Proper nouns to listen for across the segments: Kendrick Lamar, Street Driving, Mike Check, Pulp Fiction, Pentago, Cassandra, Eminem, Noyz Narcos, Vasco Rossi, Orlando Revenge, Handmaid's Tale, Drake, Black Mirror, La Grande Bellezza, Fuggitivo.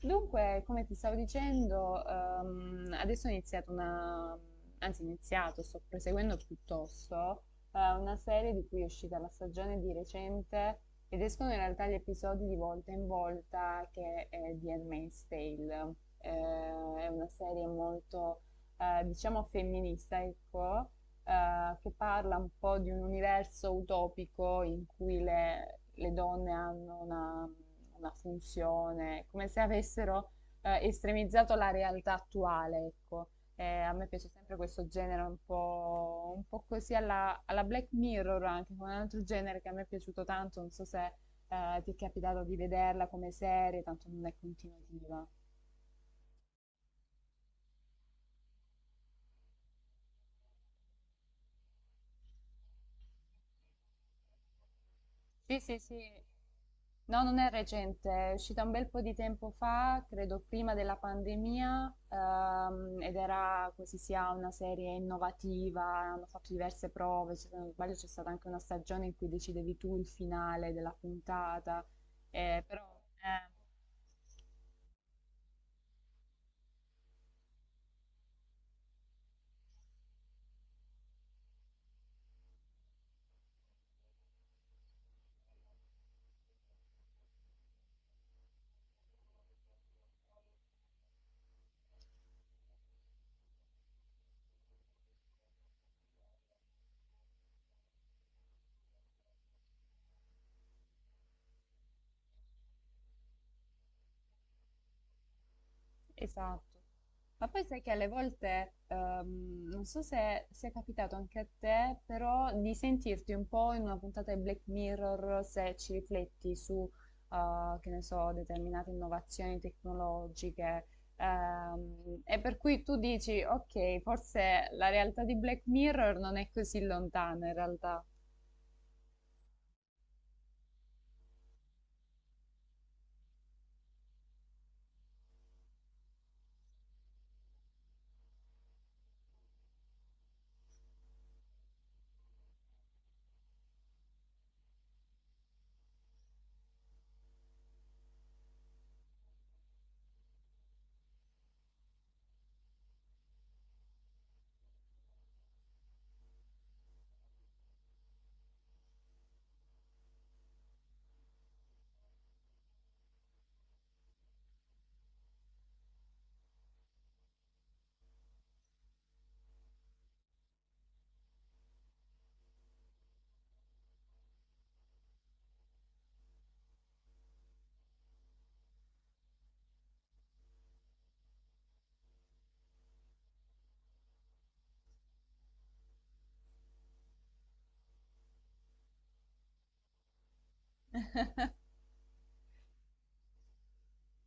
Dunque, come ti stavo dicendo, adesso ho iniziato una, anzi ho iniziato, sto proseguendo piuttosto, una serie di cui è uscita la stagione di recente ed escono in realtà gli episodi di volta in volta, che è di Handmaid's Tale. Eh, è una serie molto, diciamo, femminista, ecco, che parla un po' di un universo utopico in cui le donne hanno una la funzione, come se avessero estremizzato la realtà attuale, ecco. A me piace sempre questo genere un po' così alla Black Mirror, anche con un altro genere che a me è piaciuto tanto, non so se ti è capitato di vederla come serie, tanto non è continuativa. Sì, sì, sì. No, non è recente, è uscita un bel po' di tempo fa, credo prima della pandemia, ed era così, sia una serie innovativa, hanno fatto diverse prove, se non sbaglio c'è stata anche una stagione in cui decidevi tu il finale della puntata, però... eh, Esatto. Ma poi sai che alle volte, non so se sia capitato anche a te, però di sentirti un po' in una puntata di Black Mirror se ci rifletti su, che ne so, determinate innovazioni tecnologiche. E per cui tu dici, ok, forse la realtà di Black Mirror non è così lontana in realtà.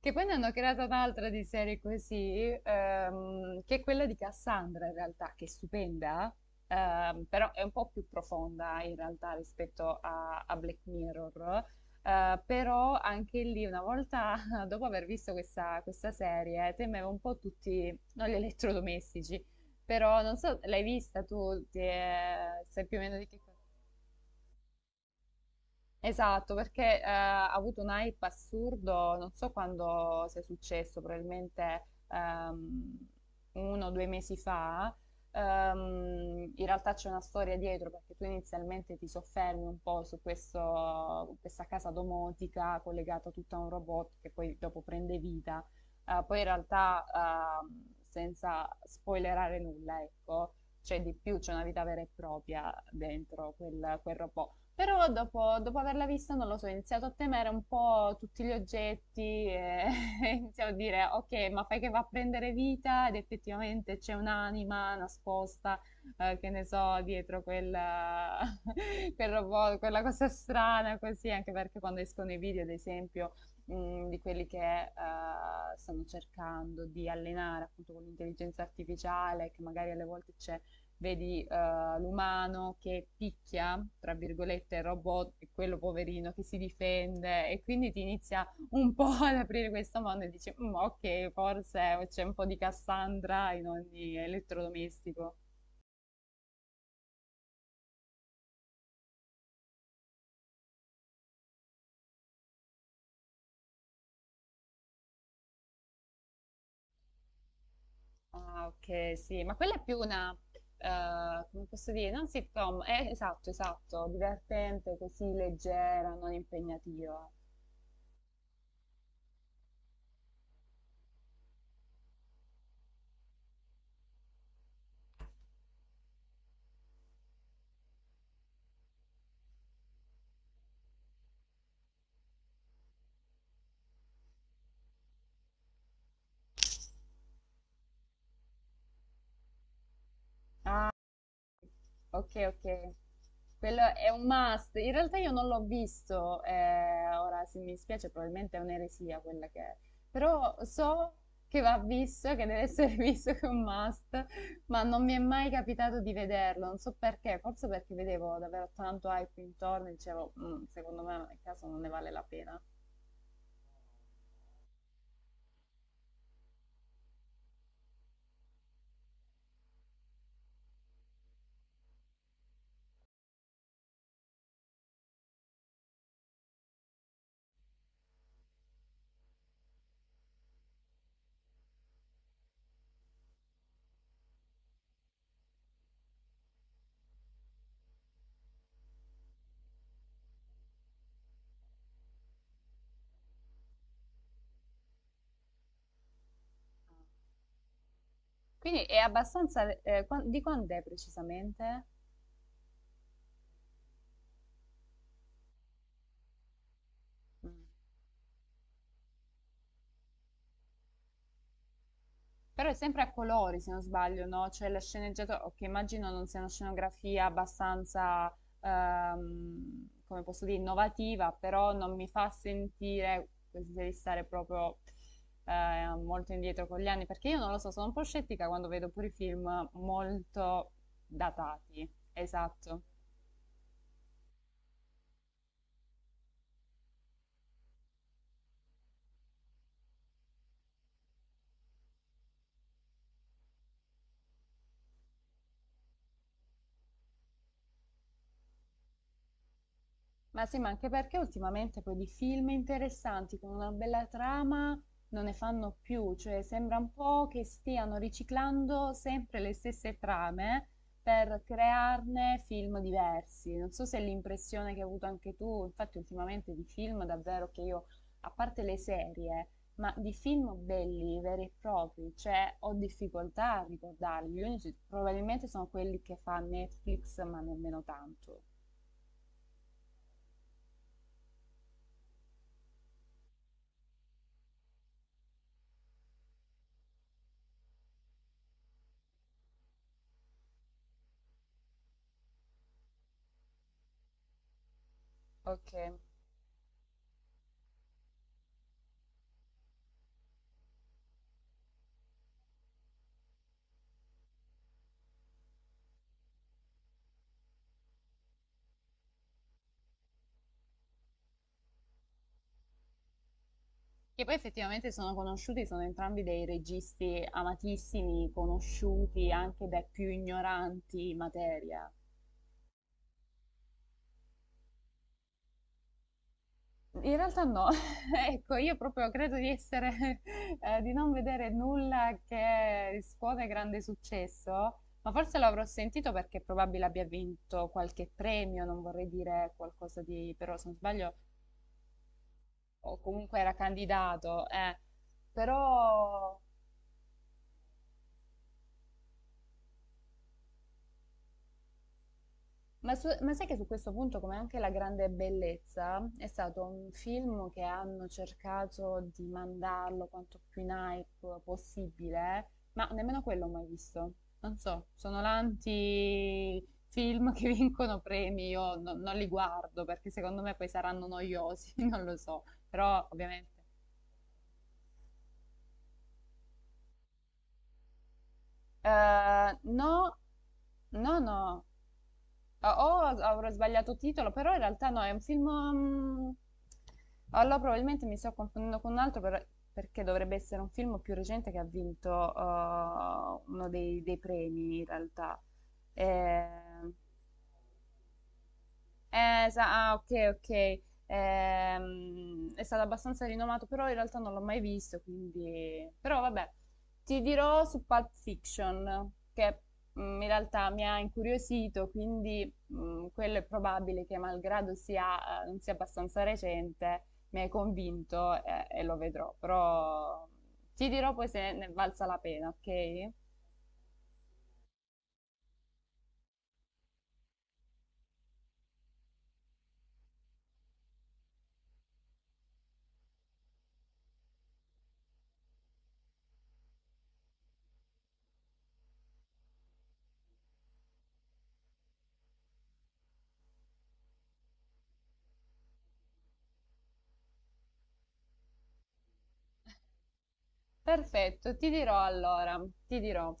Che poi ne hanno creata un'altra di serie così, che è quella di Cassandra in realtà, che è stupenda, però è un po' più profonda in realtà rispetto a Black Mirror. Però anche lì, una volta dopo aver visto questa serie, temevo un po' tutti, non gli elettrodomestici, però non so, l'hai vista tu? Sai più o meno di che cosa? Esatto, perché ha avuto un hype assurdo, non so quando sia successo, probabilmente uno o due mesi fa. In realtà c'è una storia dietro, perché tu inizialmente ti soffermi un po' su questa casa domotica collegata tutta a un robot che poi dopo prende vita. Poi in realtà, senza spoilerare nulla, ecco, c'è di più, c'è una vita vera e propria dentro quel robot, però dopo, dopo averla vista, non lo so, ho iniziato a temere un po' tutti gli oggetti e iniziavo a dire, ok, ma fai che va a prendere vita ed effettivamente c'è un'anima nascosta, che ne so, dietro quella, quel robot, quella cosa strana così, anche perché quando escono i video, ad esempio, di quelli che eh, stanno cercando di allenare appunto con l'intelligenza artificiale, che magari alle volte c'è... Vedi, l'umano che picchia, tra virgolette, il robot e quello poverino che si difende, e quindi ti inizia un po' ad aprire questo mondo e dici, "Mm, ok, forse c'è un po' di Cassandra in ogni elettrodomestico." Ah, ok, sì, ma quella è più una, come posso dire, non sitcom, esatto, esatto, divertente, così leggera, non impegnativa. Ok, ok. Quello è un must. In realtà io non l'ho visto, ora se mi spiace probabilmente è un'eresia quella che è. Però so che va visto, che deve essere visto, che è un must, ma non mi è mai capitato di vederlo, non so perché, forse perché vedevo davvero tanto hype intorno e dicevo, "Mm, secondo me nel caso non ne vale la pena." Quindi è abbastanza... di quando è precisamente? Però è sempre a colori, se non sbaglio, no? Cioè la sceneggiatura, che immagino non sia una scenografia abbastanza, come posso dire, innovativa, però non mi fa sentire di stare proprio molto indietro con gli anni, perché io non lo so, sono un po' scettica quando vedo pure i film molto datati. Esatto. Ma sì, ma anche perché ultimamente poi di film interessanti con una bella trama non ne fanno più, cioè sembra un po' che stiano riciclando sempre le stesse trame per crearne film diversi. Non so se è l'impressione che hai avuto anche tu, infatti ultimamente di film davvero che io, a parte le serie, ma di film belli, veri e propri, cioè ho difficoltà a ricordarli. Gli unici probabilmente sono quelli che fa Netflix, ma nemmeno tanto. Ok. Che poi effettivamente sono conosciuti, sono entrambi dei registi amatissimi, conosciuti anche dai più ignoranti in materia. In realtà no, ecco, io proprio credo di essere, di non vedere nulla che scuote grande successo, ma forse l'avrò sentito perché probabile abbia vinto qualche premio, non vorrei dire qualcosa di, però se non sbaglio, o comunque era candidato, eh. Però... Ma sai che su questo punto, come anche La Grande Bellezza, è stato un film che hanno cercato di mandarlo quanto più in hype possibile, ma nemmeno quello ho mai visto. Non so, sono l'anti-film che vincono premi, io non li guardo perché secondo me poi saranno noiosi, non lo so, però ovviamente. No, no, no. O avrò sbagliato titolo, però in realtà no, è un film... allora probabilmente mi sto confondendo con un altro, perché dovrebbe essere un film più recente che ha vinto uno dei premi in realtà. Eh, ah, ok, ok. È stato abbastanza rinomato, però in realtà non l'ho mai visto, quindi... Però vabbè, ti dirò su Pulp Fiction, che in realtà mi ha incuriosito, quindi quello è probabile che malgrado sia, non sia abbastanza recente, mi hai convinto, e lo vedrò, però ti dirò poi se ne è valsa la pena, ok? Perfetto, ti dirò allora, ti dirò.